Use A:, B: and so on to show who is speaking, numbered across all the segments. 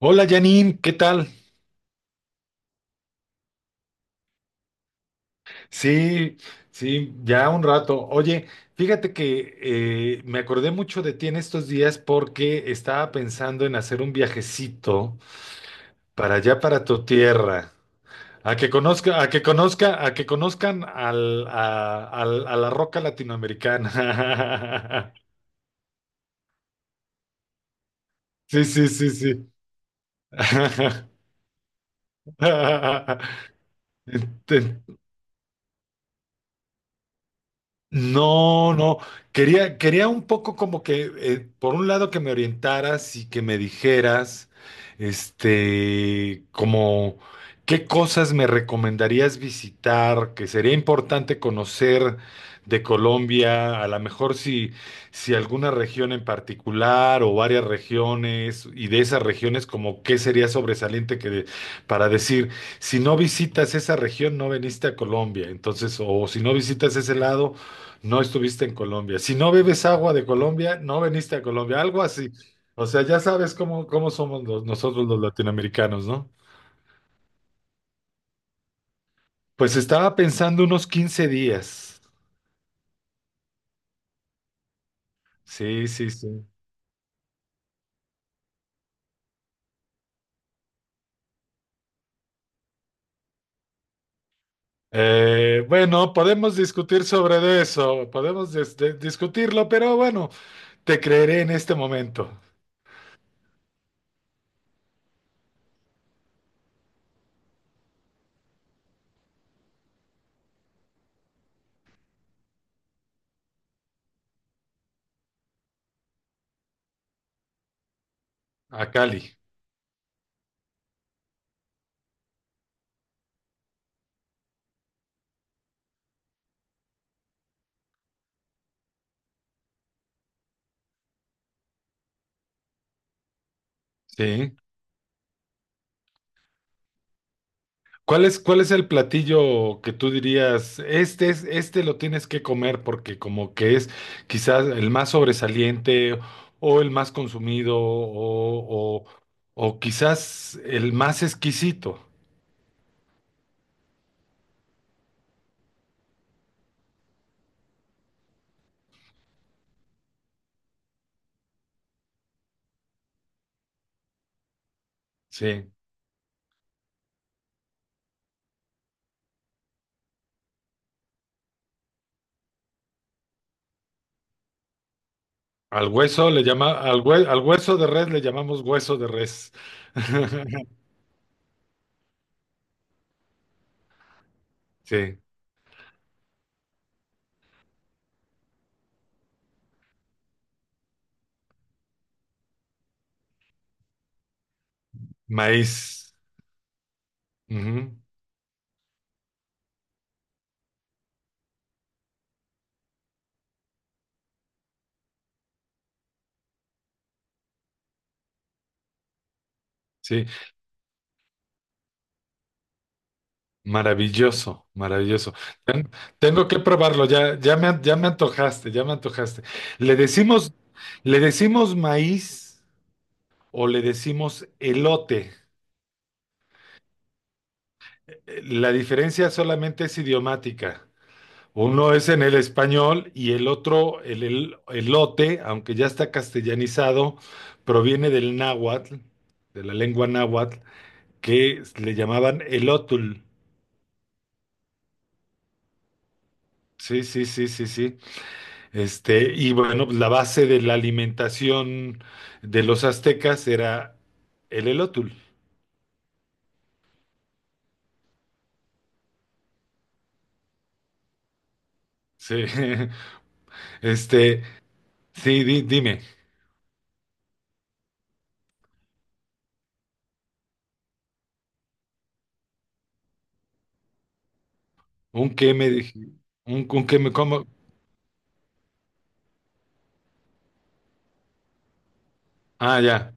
A: Hola Janine, ¿qué tal? Sí, sí, ya un rato. Oye, fíjate que me acordé mucho de ti en estos días porque estaba pensando en hacer un viajecito para allá, para tu tierra, a que conozcan a la roca latinoamericana. Sí, sí, sí, sí. Ent- No, no, quería un poco como que, por un lado que me orientaras y que me dijeras, este, como qué cosas me recomendarías visitar, que sería importante conocer de Colombia, a lo mejor si, si alguna región en particular o varias regiones, y de esas regiones como qué sería sobresaliente para decir, si no visitas esa región, no veniste a Colombia, entonces, o si no visitas ese lado no estuviste en Colombia. Si no bebes agua de Colombia, no veniste a Colombia, algo así. O sea, ya sabes cómo, cómo somos nosotros los latinoamericanos, ¿no? Pues estaba pensando unos 15 días. Sí, sí, sí. Bueno, podemos discutir sobre de eso, podemos discutirlo, pero bueno, te creeré en este momento. A Cali. Sí. Cuál es el platillo que tú dirías, este es, este lo tienes que comer porque como que es quizás el más sobresaliente o el más consumido o quizás el más exquisito? Sí. Al hueso le llama, al hueso de res le llamamos hueso de res. Sí. Maíz. Ujú. Sí. Maravilloso, maravilloso. Ten- Tengo que probarlo, ya me antojaste, ya me antojaste. ¿Le decimos, ¿le decimos maíz o le decimos elote? La diferencia solamente es idiomática. Uno es en el español y el otro, elote, aunque ya está castellanizado, proviene del náhuatl, de la lengua náhuatl, que le llamaban elotul. Sí, sí, sí, sí, sí. Este, y bueno, pues, la base de la alimentación de los aztecas era el elótul. Sí, este, sí, dime, ¿un qué me dije? Un qué me como? Ah, ya,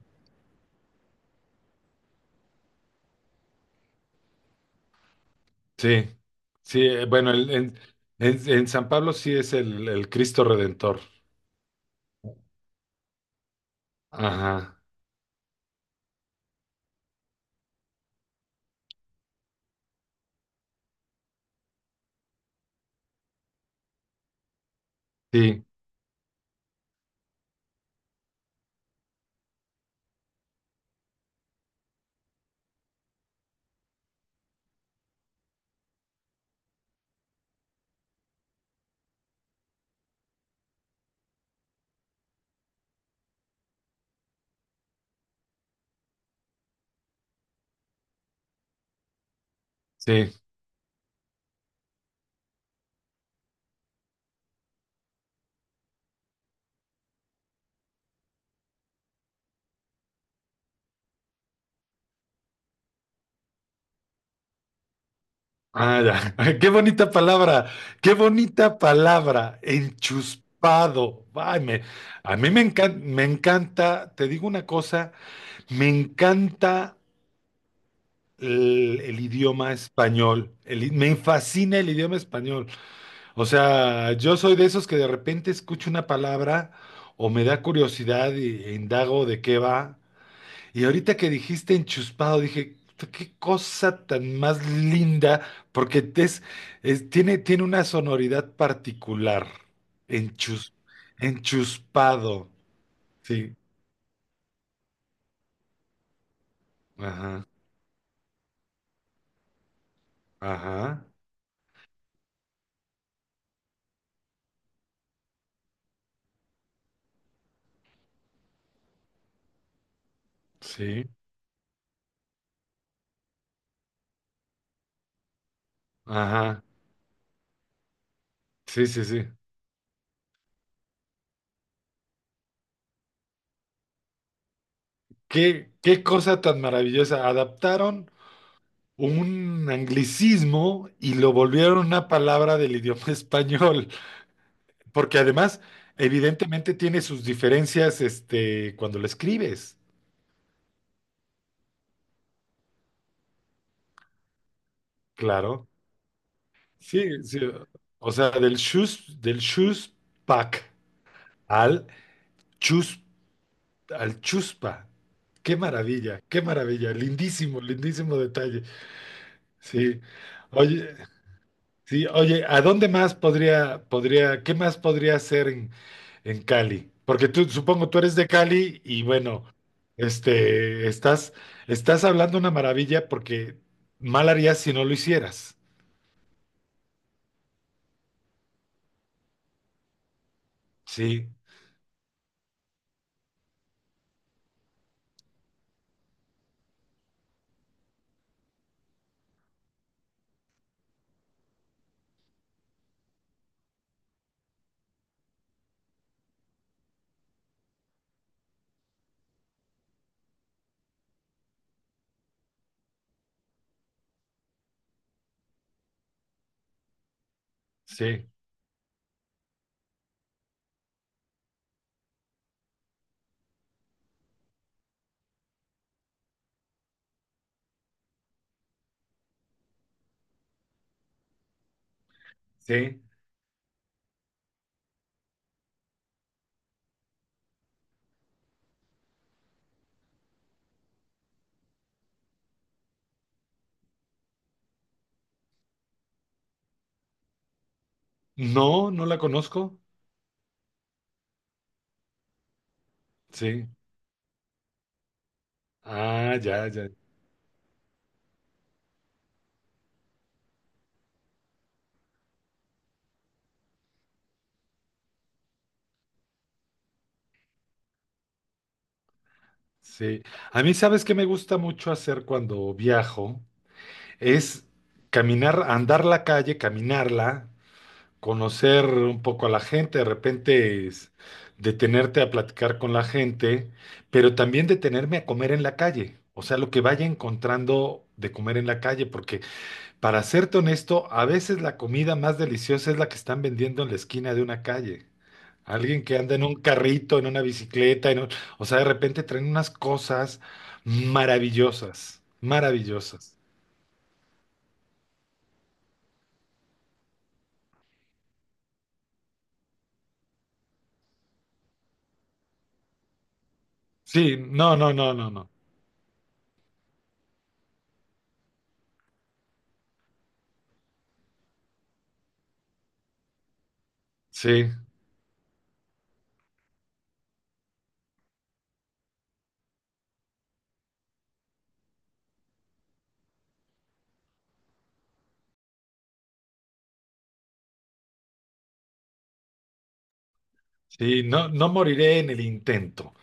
A: sí, sí, bueno, en San Pablo sí es el Cristo Redentor. Ajá, sí, sí. Ah, ya. Qué bonita palabra, qué bonita palabra, enchuspado. A mí me encanta, te digo una cosa, me encanta el idioma español, me fascina el idioma español. O sea, yo soy de esos que de repente escucho una palabra o me da curiosidad e indago de qué va. Y ahorita que dijiste enchuspado, dije, "Puta, qué cosa tan más linda, porque tiene, tiene una sonoridad particular. Enchus, enchuspado. Sí. Ajá. Ajá. Sí. Ajá. Sí, sí, sí. Qué, qué cosa tan maravillosa. Adaptaron un anglicismo y lo volvieron una palabra del idioma español. Porque además, evidentemente tiene sus diferencias, este, cuando lo escribes, claro. Sí, sí. O sea, del chus pack al chus, al chuspa. Qué maravilla, qué maravilla. Lindísimo, lindísimo detalle. Sí. Oye. Sí, oye, ¿a dónde más qué más podría hacer en Cali? Porque tú, supongo, tú eres de Cali y bueno, este, estás, estás hablando una maravilla porque mal harías si no lo hicieras. Sí, sí, sí. No, no la conozco. Sí. Ah, ya, ya. Sí. A mí, ¿sabes qué me gusta mucho hacer cuando viajo? Es caminar, andar la calle, caminarla, conocer un poco a la gente, de repente es detenerte a platicar con la gente, pero también detenerme a comer en la calle, o sea, lo que vaya encontrando de comer en la calle, porque para serte honesto, a veces la comida más deliciosa es la que están vendiendo en la esquina de una calle. Alguien que anda en un carrito, en una bicicleta, o sea, de repente traen unas cosas maravillosas, maravillosas. Sí, no, no, no, no, no. Sí, sí, no, no moriré en el intento.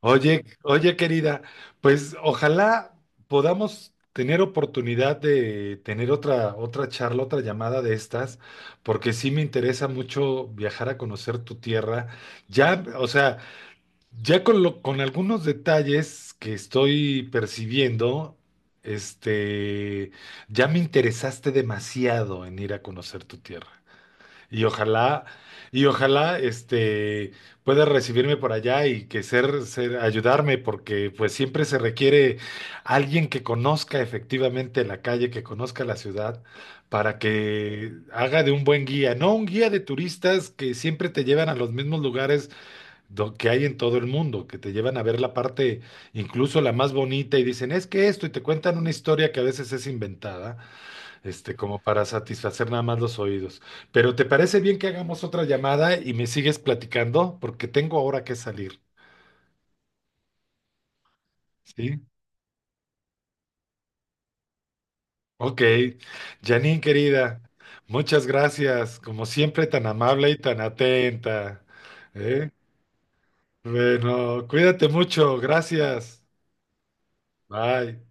A: Oye, oye, querida, pues ojalá podamos tener oportunidad de tener otra, otra charla, otra llamada de estas, porque sí me interesa mucho viajar a conocer tu tierra. Ya, o sea, ya con algunos detalles que estoy percibiendo, este, ya me interesaste demasiado en ir a conocer tu tierra. Y ojalá, y ojalá, este, pueda recibirme por allá y que ayudarme, porque pues siempre se requiere alguien que conozca efectivamente la calle, que conozca la ciudad, para que haga de un buen guía, no un guía de turistas que siempre te llevan a los mismos lugares que hay en todo el mundo, que te llevan a ver la parte, incluso la más bonita, y dicen, es que esto, y te cuentan una historia que a veces es inventada, este, como para satisfacer nada más los oídos. Pero ¿te parece bien que hagamos otra llamada y me sigues platicando? Porque tengo ahora que salir, ¿sí? Ok, Janine querida, muchas gracias, como siempre tan amable y tan atenta, ¿eh? Bueno, cuídate mucho, gracias. Bye.